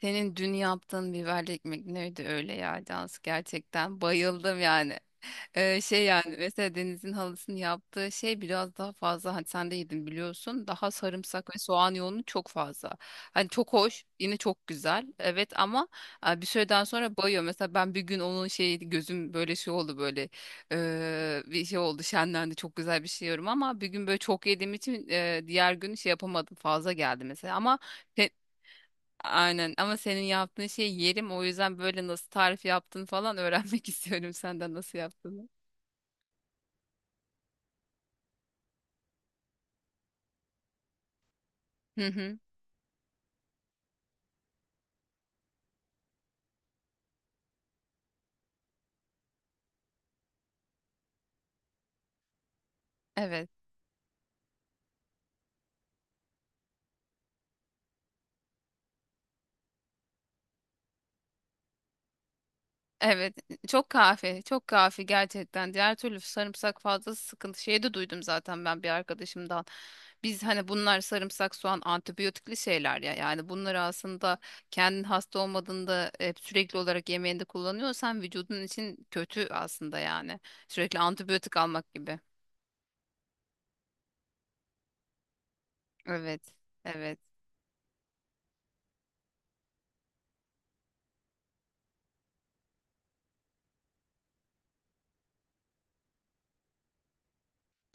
Senin dün yaptığın biberli ekmek neydi öyle ya Cansu gerçekten bayıldım yani. Şey yani mesela Deniz'in halısının yaptığı şey biraz daha fazla hani sen de yedin biliyorsun daha sarımsak ve soğan yoğunu çok fazla. Hani çok hoş yine çok güzel evet ama bir süreden sonra bayıyor. Mesela ben bir gün onun şey gözüm böyle şey oldu böyle bir şey oldu şenlendi çok güzel bir şey yiyorum ama bir gün böyle çok yediğim için diğer gün şey yapamadım fazla geldi mesela ama aynen ama senin yaptığın şeyi yerim o yüzden böyle nasıl tarif yaptın falan öğrenmek istiyorum senden nasıl yaptığını. Hı hı. Evet. Evet. Çok kahve. Çok kahve gerçekten. Diğer türlü sarımsak fazlası sıkıntı. Şeyi de duydum zaten ben bir arkadaşımdan. Biz hani bunlar sarımsak, soğan antibiyotikli şeyler ya. Yani bunları aslında kendin hasta olmadığında hep sürekli olarak yemeğinde kullanıyorsan vücudun için kötü aslında yani. Sürekli antibiyotik almak gibi. Evet. Evet.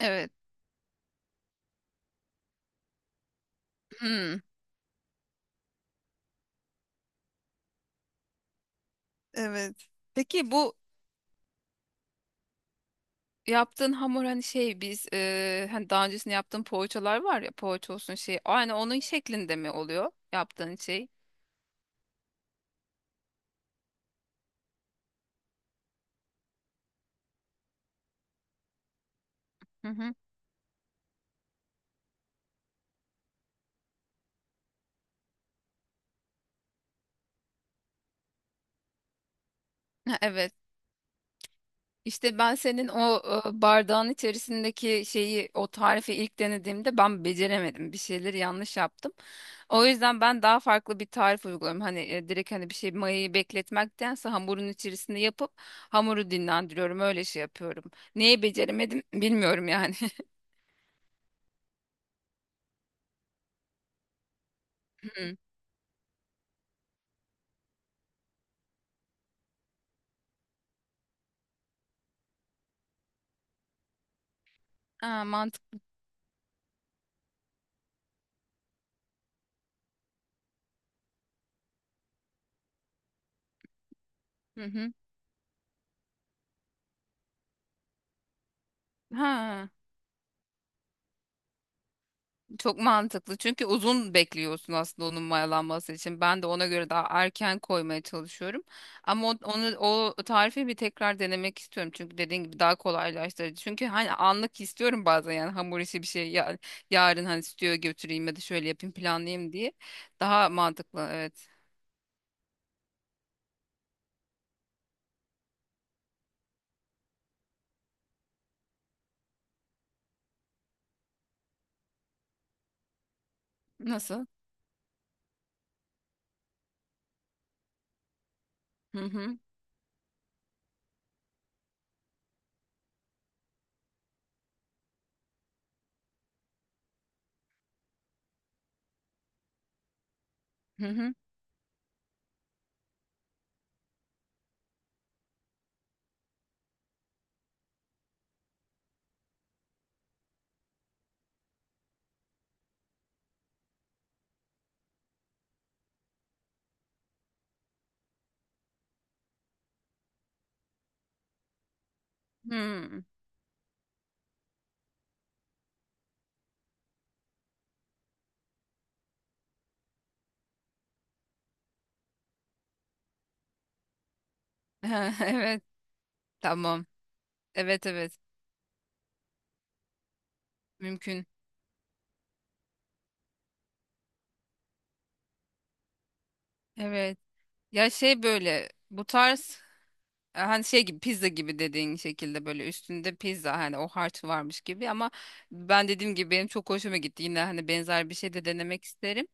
Evet. Evet. Peki bu yaptığın hamur hani şey biz hani daha öncesinde yaptığın poğaçalar var ya poğaça olsun şey aynı onun şeklinde mi oluyor yaptığın şey? Hı hı. Ha, evet. İşte ben senin o bardağın içerisindeki şeyi o tarifi ilk denediğimde ben beceremedim. Bir şeyleri yanlış yaptım. O yüzden ben daha farklı bir tarif uyguluyorum. Hani direkt hani bir şey mayayı bekletmektense hamurun içerisinde yapıp hamuru dinlendiriyorum. Öyle şey yapıyorum. Neyi beceremedim bilmiyorum yani. Ha, mantık. Hı hı. Ha, çok mantıklı. Çünkü uzun bekliyorsun aslında onun mayalanması için. Ben de ona göre daha erken koymaya çalışıyorum. Ama onu o tarifi bir tekrar denemek istiyorum. Çünkü dediğin gibi daha kolaylaştırıcı. Çünkü hani anlık istiyorum bazen yani hamur işi bir şey ya, yarın hani stüdyoya götüreyim ya da şöyle yapayım planlayayım diye. Daha mantıklı evet. Nasıl? Hı hı. Hı hı. Hı. Evet. Tamam. Evet, evet. Mümkün. Evet. Ya şey böyle bu tarz hani şey gibi pizza gibi dediğin şekilde böyle üstünde pizza hani o harç varmış gibi ama ben dediğim gibi benim çok hoşuma gitti. Yine hani benzer bir şey de denemek isterim.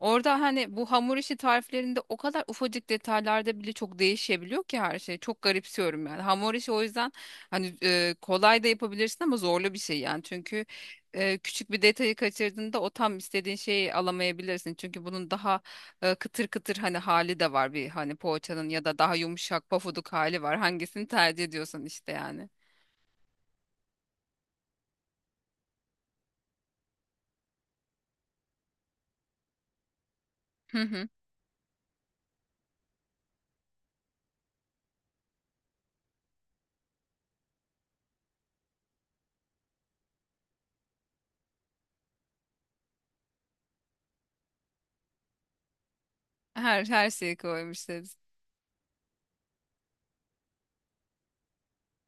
Orada hani bu hamur işi tariflerinde o kadar ufacık detaylarda bile çok değişebiliyor ki her şey. Çok garipsiyorum yani. Hamur işi o yüzden hani kolay da yapabilirsin ama zorlu bir şey yani. Çünkü küçük bir detayı kaçırdığında o tam istediğin şeyi alamayabilirsin. Çünkü bunun daha kıtır kıtır hani hali de var bir hani poğaçanın ya da daha yumuşak pofuduk hali var. Hangisini tercih ediyorsan işte yani. Hı hı. Her şeyi koymuşlar.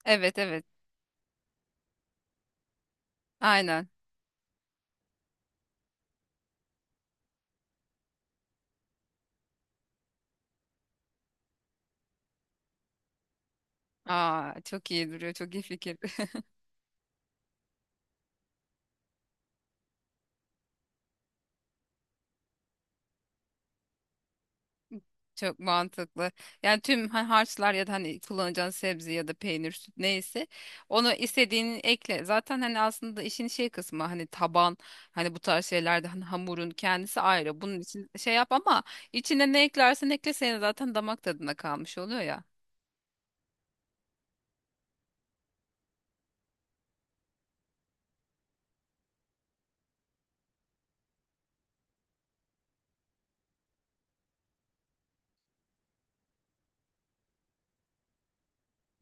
Evet, evet. Aynen. Aa çok iyi duruyor. Çok iyi fikir. Çok mantıklı. Yani tüm harçlar ya da hani kullanacağın sebze ya da peynir, süt neyse onu istediğini ekle. Zaten hani aslında işin şey kısmı hani taban hani bu tarz şeylerde hani hamurun kendisi ayrı. Bunun için şey yap ama içine ne eklersen ekle senin zaten damak tadına kalmış oluyor ya.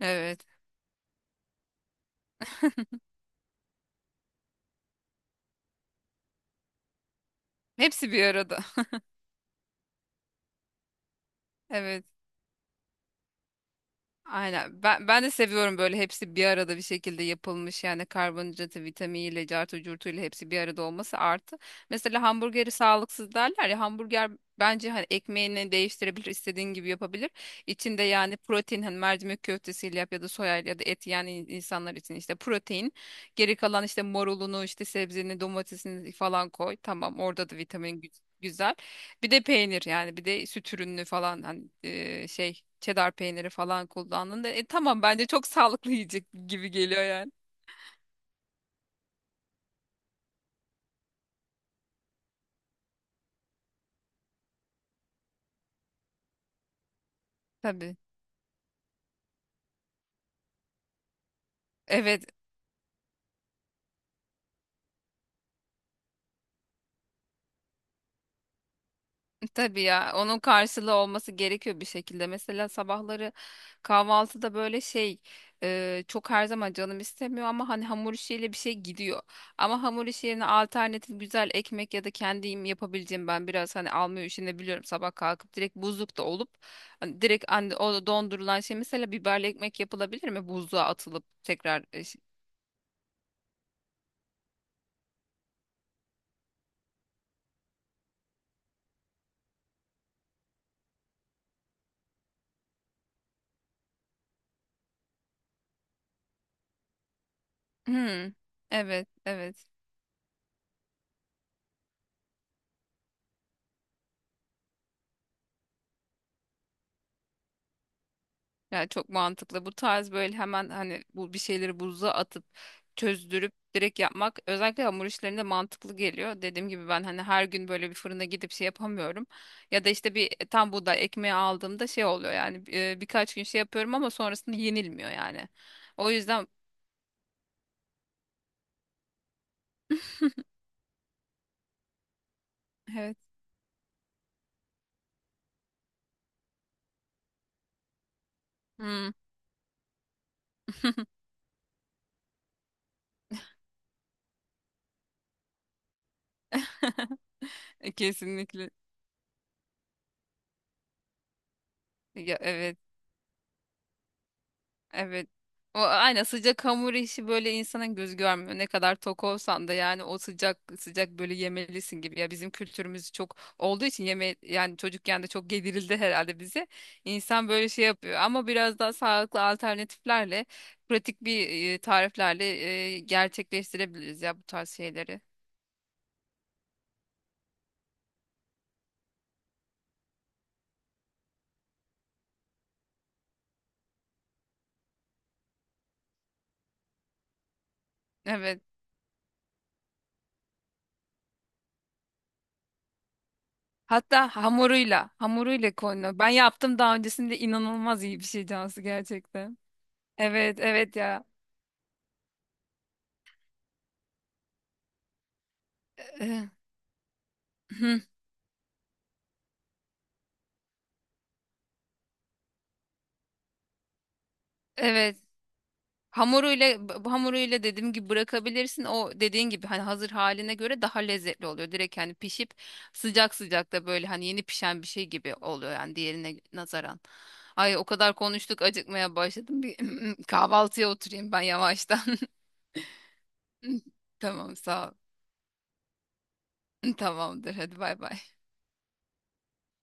Evet. Hepsi bir arada. Evet. Aynen. Ben de seviyorum böyle hepsi bir arada bir şekilde yapılmış yani karbonhidratı, vitaminiyle, cartı, curtuyla hepsi bir arada olması artı. Mesela hamburgeri sağlıksız derler ya hamburger bence hani ekmeğini değiştirebilir, istediğin gibi yapabilir. İçinde yani protein hani mercimek köftesiyle yap ya da soya ya da et yani insanlar için işte protein. Geri kalan işte marulunu, işte sebzeni, domatesini falan koy. Tamam orada da vitamin güzel. Bir de peynir yani bir de süt ürünü falan hani şey Çedar peyniri falan kullandın da tamam bence çok sağlıklı yiyecek gibi geliyor yani. Tabii. Evet tabii ya onun karşılığı olması gerekiyor bir şekilde. Mesela sabahları kahvaltıda böyle şey çok her zaman canım istemiyor ama hani hamur işiyle bir şey gidiyor. Ama hamur işi yerine alternatif güzel ekmek ya da kendim yapabileceğim ben biraz hani almaya üşenebiliyorum sabah kalkıp direkt buzlukta olup hani direkt hani o dondurulan şey mesela biberli ekmek yapılabilir mi buzluğa atılıp tekrar. Hmm, evet, evet. Yani çok mantıklı. Bu tarz böyle hemen hani bu bir şeyleri buzluğa atıp çözdürüp direkt yapmak özellikle hamur işlerinde mantıklı geliyor. Dediğim gibi ben hani her gün böyle bir fırına gidip şey yapamıyorum. Ya da işte bir tam buğday ekmeği aldığımda şey oluyor yani birkaç gün şey yapıyorum ama sonrasında yenilmiyor yani. O yüzden evet. Hmm. Kesinlikle. Ya, evet. Evet. O aynen sıcak hamur işi böyle insanın göz görmüyor. Ne kadar tok olsan da yani o sıcak sıcak böyle yemelisin gibi. Ya bizim kültürümüz çok olduğu için yeme yani çocukken de çok yedirildi herhalde bize. İnsan böyle şey yapıyor ama biraz daha sağlıklı alternatiflerle, pratik bir tariflerle gerçekleştirebiliriz ya bu tarz şeyleri. Evet. Hatta hamuruyla konuyor. Ben yaptım daha öncesinde inanılmaz iyi bir şey Cansu gerçekten. Evet, evet ya. Eh, hı, evet. Hamuruyla hamuruyla dediğim gibi bırakabilirsin. O dediğin gibi hani hazır haline göre daha lezzetli oluyor. Direkt hani pişip sıcak sıcak da böyle hani yeni pişen bir şey gibi oluyor yani diğerine nazaran. Ay o kadar konuştuk acıkmaya başladım. Bir kahvaltıya oturayım ben yavaştan. Tamam sağ ol. Tamamdır hadi bay bay.